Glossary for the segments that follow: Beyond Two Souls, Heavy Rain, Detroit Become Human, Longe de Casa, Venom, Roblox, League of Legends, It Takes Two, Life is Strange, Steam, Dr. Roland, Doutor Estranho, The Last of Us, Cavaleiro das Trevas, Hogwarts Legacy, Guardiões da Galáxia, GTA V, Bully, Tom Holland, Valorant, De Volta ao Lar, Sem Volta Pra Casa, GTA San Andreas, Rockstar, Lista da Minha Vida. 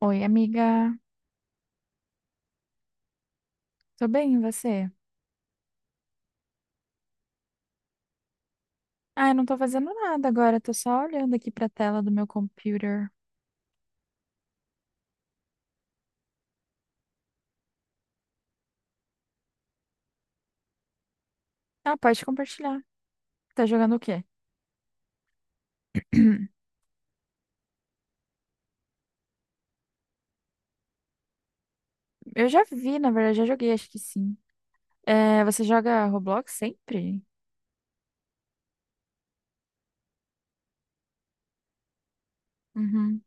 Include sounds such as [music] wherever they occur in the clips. Oi, amiga. Tô bem, e você? Ah, eu não tô fazendo nada agora, tô só olhando aqui pra tela do meu computer. Ah, pode compartilhar. Tá jogando o quê? [clears throat] Eu já vi, na verdade, já joguei, acho que sim. É, você joga Roblox sempre? Uhum,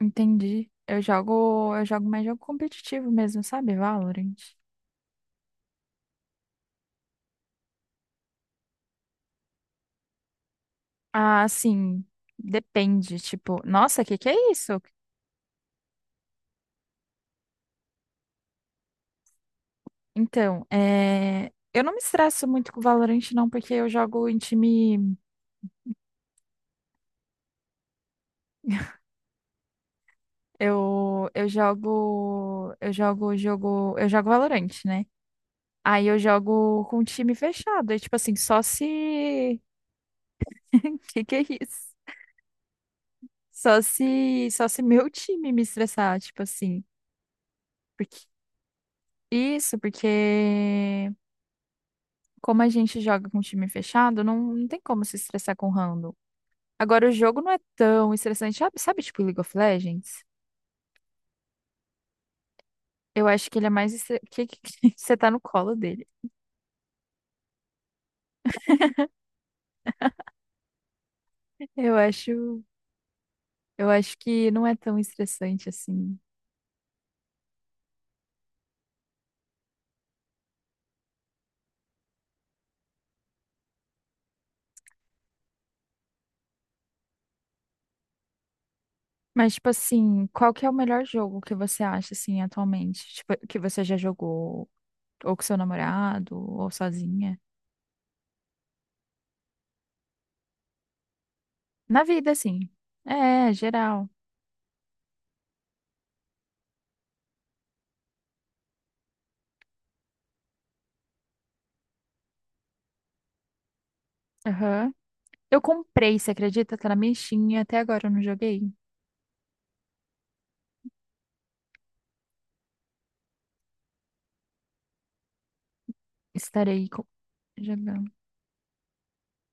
entendi. Eu jogo mais jogo competitivo mesmo, sabe? Valorant. Ah, sim, depende, tipo, nossa, que é isso? Então, é, eu não me estresso muito com Valorant não, porque eu jogo em time. [laughs] Eu jogo Valorant, né? Aí eu jogo com time fechado, é tipo assim, só se... [laughs] Que é isso? Só se meu time me estressar, tipo assim. Porque isso, porque como a gente joga com time fechado, não tem como se estressar com random. Agora o jogo não é tão estressante, sabe, tipo League of Legends? Eu acho que ele é mais estre... [laughs] Que, você tá no colo dele. Eu acho Eu acho que não é tão estressante assim. Mas, tipo assim, qual que é o melhor jogo que você acha, assim, atualmente? Tipo, que você já jogou, ou com seu namorado, ou sozinha? Na vida, assim. É, geral. Aham. Eu comprei, você acredita? Tá na minha Steam, e até agora eu não joguei. Estarei co- jogando.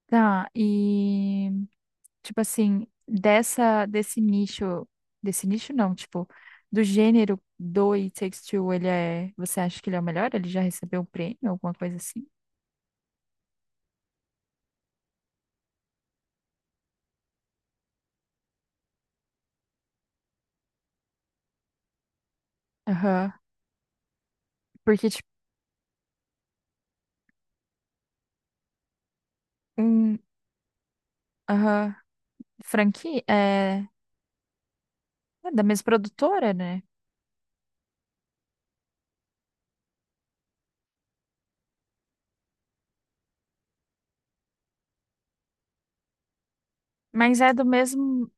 Tá, e... tipo assim, desse nicho não, tipo, do gênero do It Takes Two, ele é, você acha que ele é o melhor? Ele já recebeu um prêmio, alguma coisa assim? Aham. Porque, tipo, um, aham, franquia é, é da mesma produtora, né? Mas é do mesmo,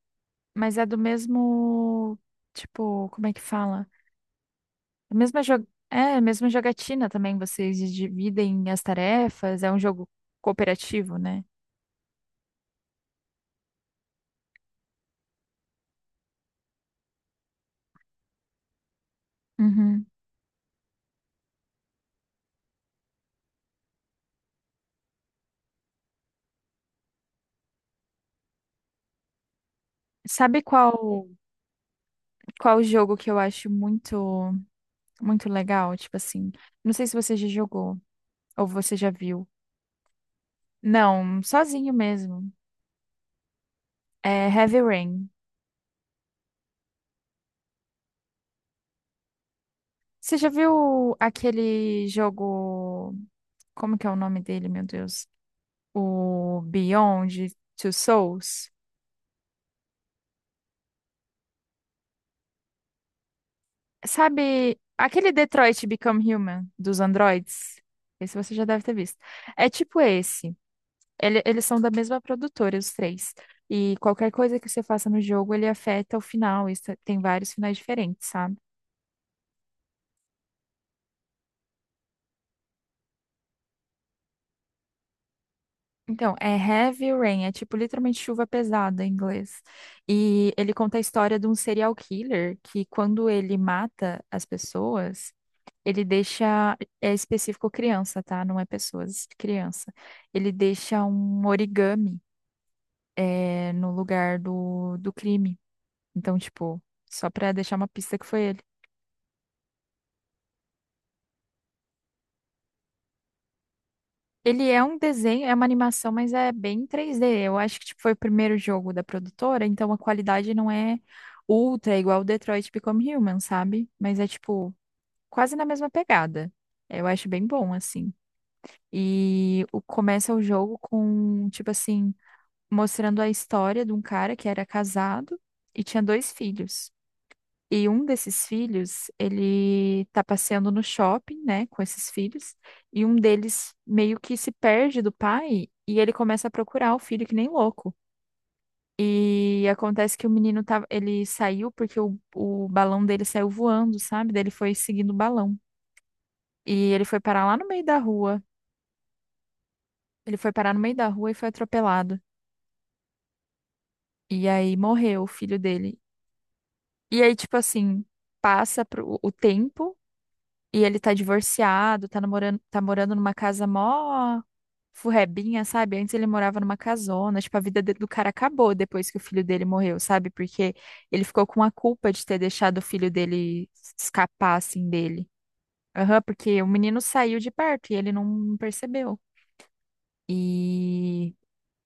mas é do mesmo, tipo, como é que fala? A mesma jogatina também, vocês dividem as tarefas, é um jogo cooperativo, né? Uhum. Sabe qual Qual jogo que eu acho muito, muito legal? Tipo assim, não sei se você já jogou ou você já viu. Não, sozinho mesmo. É Heavy Rain. Você já viu aquele jogo? Como que é o nome dele, meu Deus? O Beyond Two Souls? Sabe aquele Detroit Become Human dos androids? Esse você já deve ter visto. É tipo esse. Eles são da mesma produtora, os três. E qualquer coisa que você faça no jogo, ele afeta o final. Isso, tem vários finais diferentes, sabe? Então, é Heavy Rain, é tipo literalmente chuva pesada em inglês. E ele conta a história de um serial killer que, quando ele mata as pessoas, ele deixa. É específico criança, tá? Não é pessoas, é criança. Ele deixa um origami, é, no lugar do crime. Então, tipo, só pra deixar uma pista que foi ele. Ele é um desenho, é uma animação, mas é bem 3D. Eu acho que tipo, foi o primeiro jogo da produtora, então a qualidade não é ultra, igual o Detroit Become Human, sabe? Mas é tipo quase na mesma pegada. Eu acho bem bom, assim. Começa o jogo com, tipo assim, mostrando a história de um cara que era casado e tinha dois filhos. E um desses filhos, ele tá passeando no shopping, né, com esses filhos, e um deles meio que se perde do pai e ele começa a procurar o filho que nem louco. E acontece que o menino tava, ele saiu porque o balão dele saiu voando, sabe? Daí ele foi seguindo o balão. E ele foi parar lá no meio da rua. Ele foi parar no meio da rua e foi atropelado. E aí morreu o filho dele. E aí, tipo assim, passa pro, o tempo. E ele tá divorciado, tá namorando, tá morando numa casa mó furrebinha, sabe? Antes ele morava numa casona, tipo, a vida do cara acabou depois que o filho dele morreu, sabe? Porque ele ficou com a culpa de ter deixado o filho dele escapar, assim, dele. Aham, porque o menino saiu de perto e ele não percebeu. E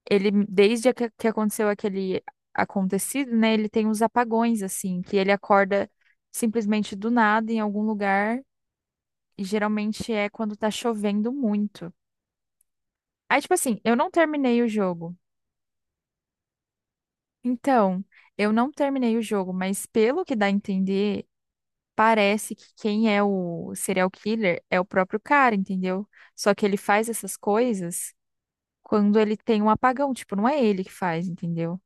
ele, desde que aconteceu aquele acontecido, né? Ele tem uns apagões, assim, que ele acorda simplesmente do nada em algum lugar e geralmente é quando tá chovendo muito. Aí, tipo assim, eu não terminei o jogo. Então, eu não terminei o jogo, mas pelo que dá a entender, parece que quem é o serial killer é o próprio cara, entendeu? Só que ele faz essas coisas quando ele tem um apagão, tipo, não é ele que faz, entendeu?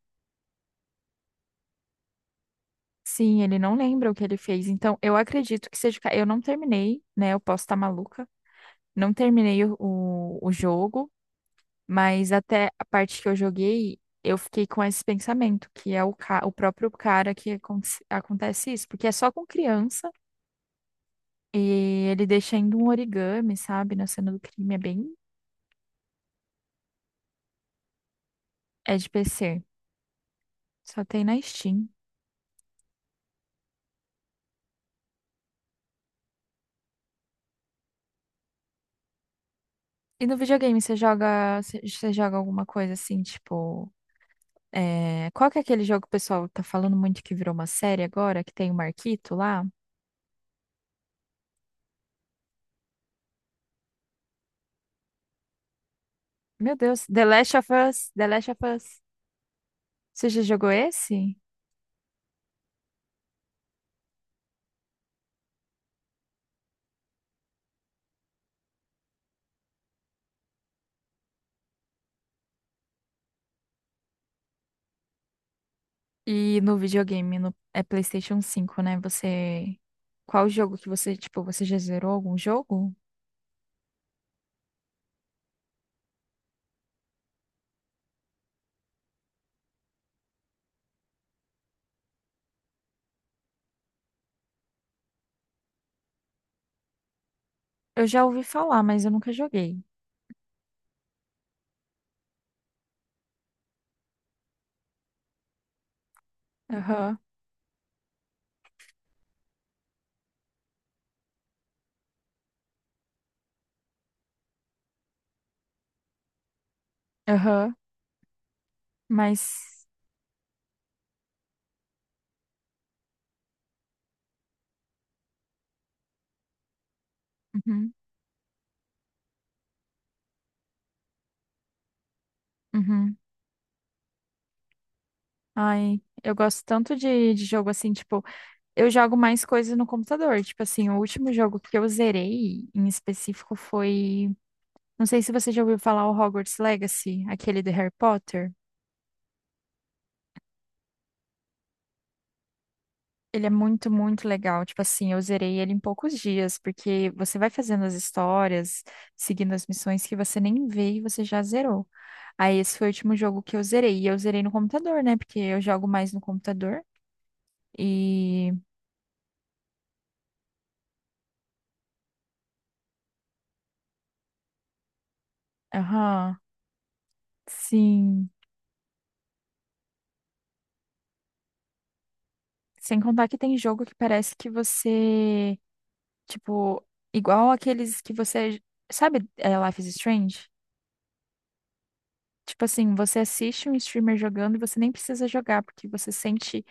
Sim, ele não lembra o que ele fez. Então, eu acredito que seja. Eu não terminei, né? Eu posso estar maluca. Não terminei o jogo. Mas até a parte que eu joguei, eu fiquei com esse pensamento, que é o, o próprio cara que acontece isso, porque é só com criança e ele deixa ainda um origami, sabe, na cena do crime, é bem, é de PC, só tem na Steam. E no videogame, você joga, você joga alguma coisa assim, tipo, é, qual que é aquele jogo que o pessoal tá falando muito que virou uma série agora, que tem o Marquito lá? Meu Deus, The Last of Us, The Last of Us. Você já jogou esse? E no videogame, no, é PlayStation 5, né? Você. Qual jogo que você, tipo, você já zerou algum jogo? Eu já ouvi falar, mas eu nunca joguei. Aham, aham. Mas. Uhum, uhum. Ai, eu gosto tanto de jogo assim, tipo, eu jogo mais coisas no computador. Tipo assim, o último jogo que eu zerei em específico foi. Não sei se você já ouviu falar o Hogwarts Legacy, aquele do Harry Potter. Ele é muito, muito legal. Tipo assim, eu zerei ele em poucos dias, porque você vai fazendo as histórias, seguindo as missões que você nem vê e você já zerou. Aí esse foi o último jogo que eu zerei. E eu zerei no computador, né? Porque eu jogo mais no computador. E. Aham, sim. Sem contar que tem jogo que parece que você. Tipo, igual aqueles que você. Sabe, é, Life is Strange? Tipo assim, você assiste um streamer jogando e você nem precisa jogar, porque você sente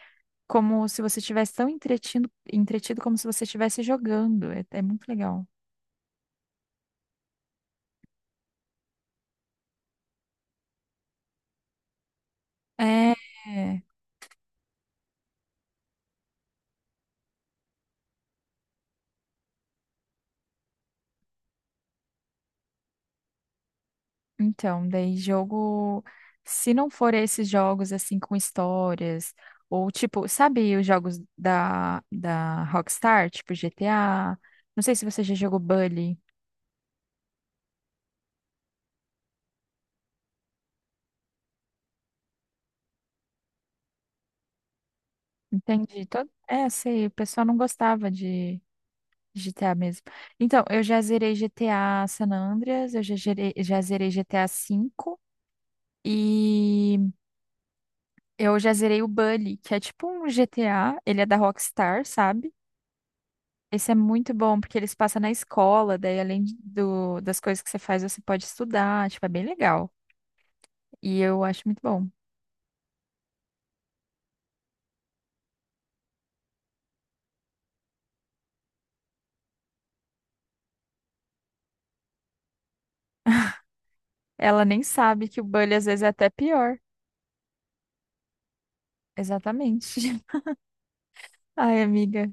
como se você estivesse tão entretido, entretido como se você estivesse jogando. É, é muito legal. É, então, daí jogo, se não for esses jogos assim com histórias, ou tipo, sabe os jogos da Rockstar, tipo GTA? Não sei se você já jogou Bully. Entendi. Todo... É, sei, o pessoal não gostava de GTA mesmo. Então, eu já zerei GTA San Andreas, já zerei GTA V e eu já zerei o Bully, que é tipo um GTA, ele é da Rockstar, sabe? Esse é muito bom, porque eles passam na escola, daí além do, das coisas que você faz, você pode estudar, tipo, é bem legal. E eu acho muito bom. Ela nem sabe que o Bully às vezes é até pior. Exatamente. [laughs] Ai, amiga.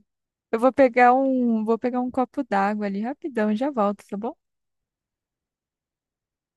Eu vou pegar um copo d'água ali rapidão e já volto, tá bom?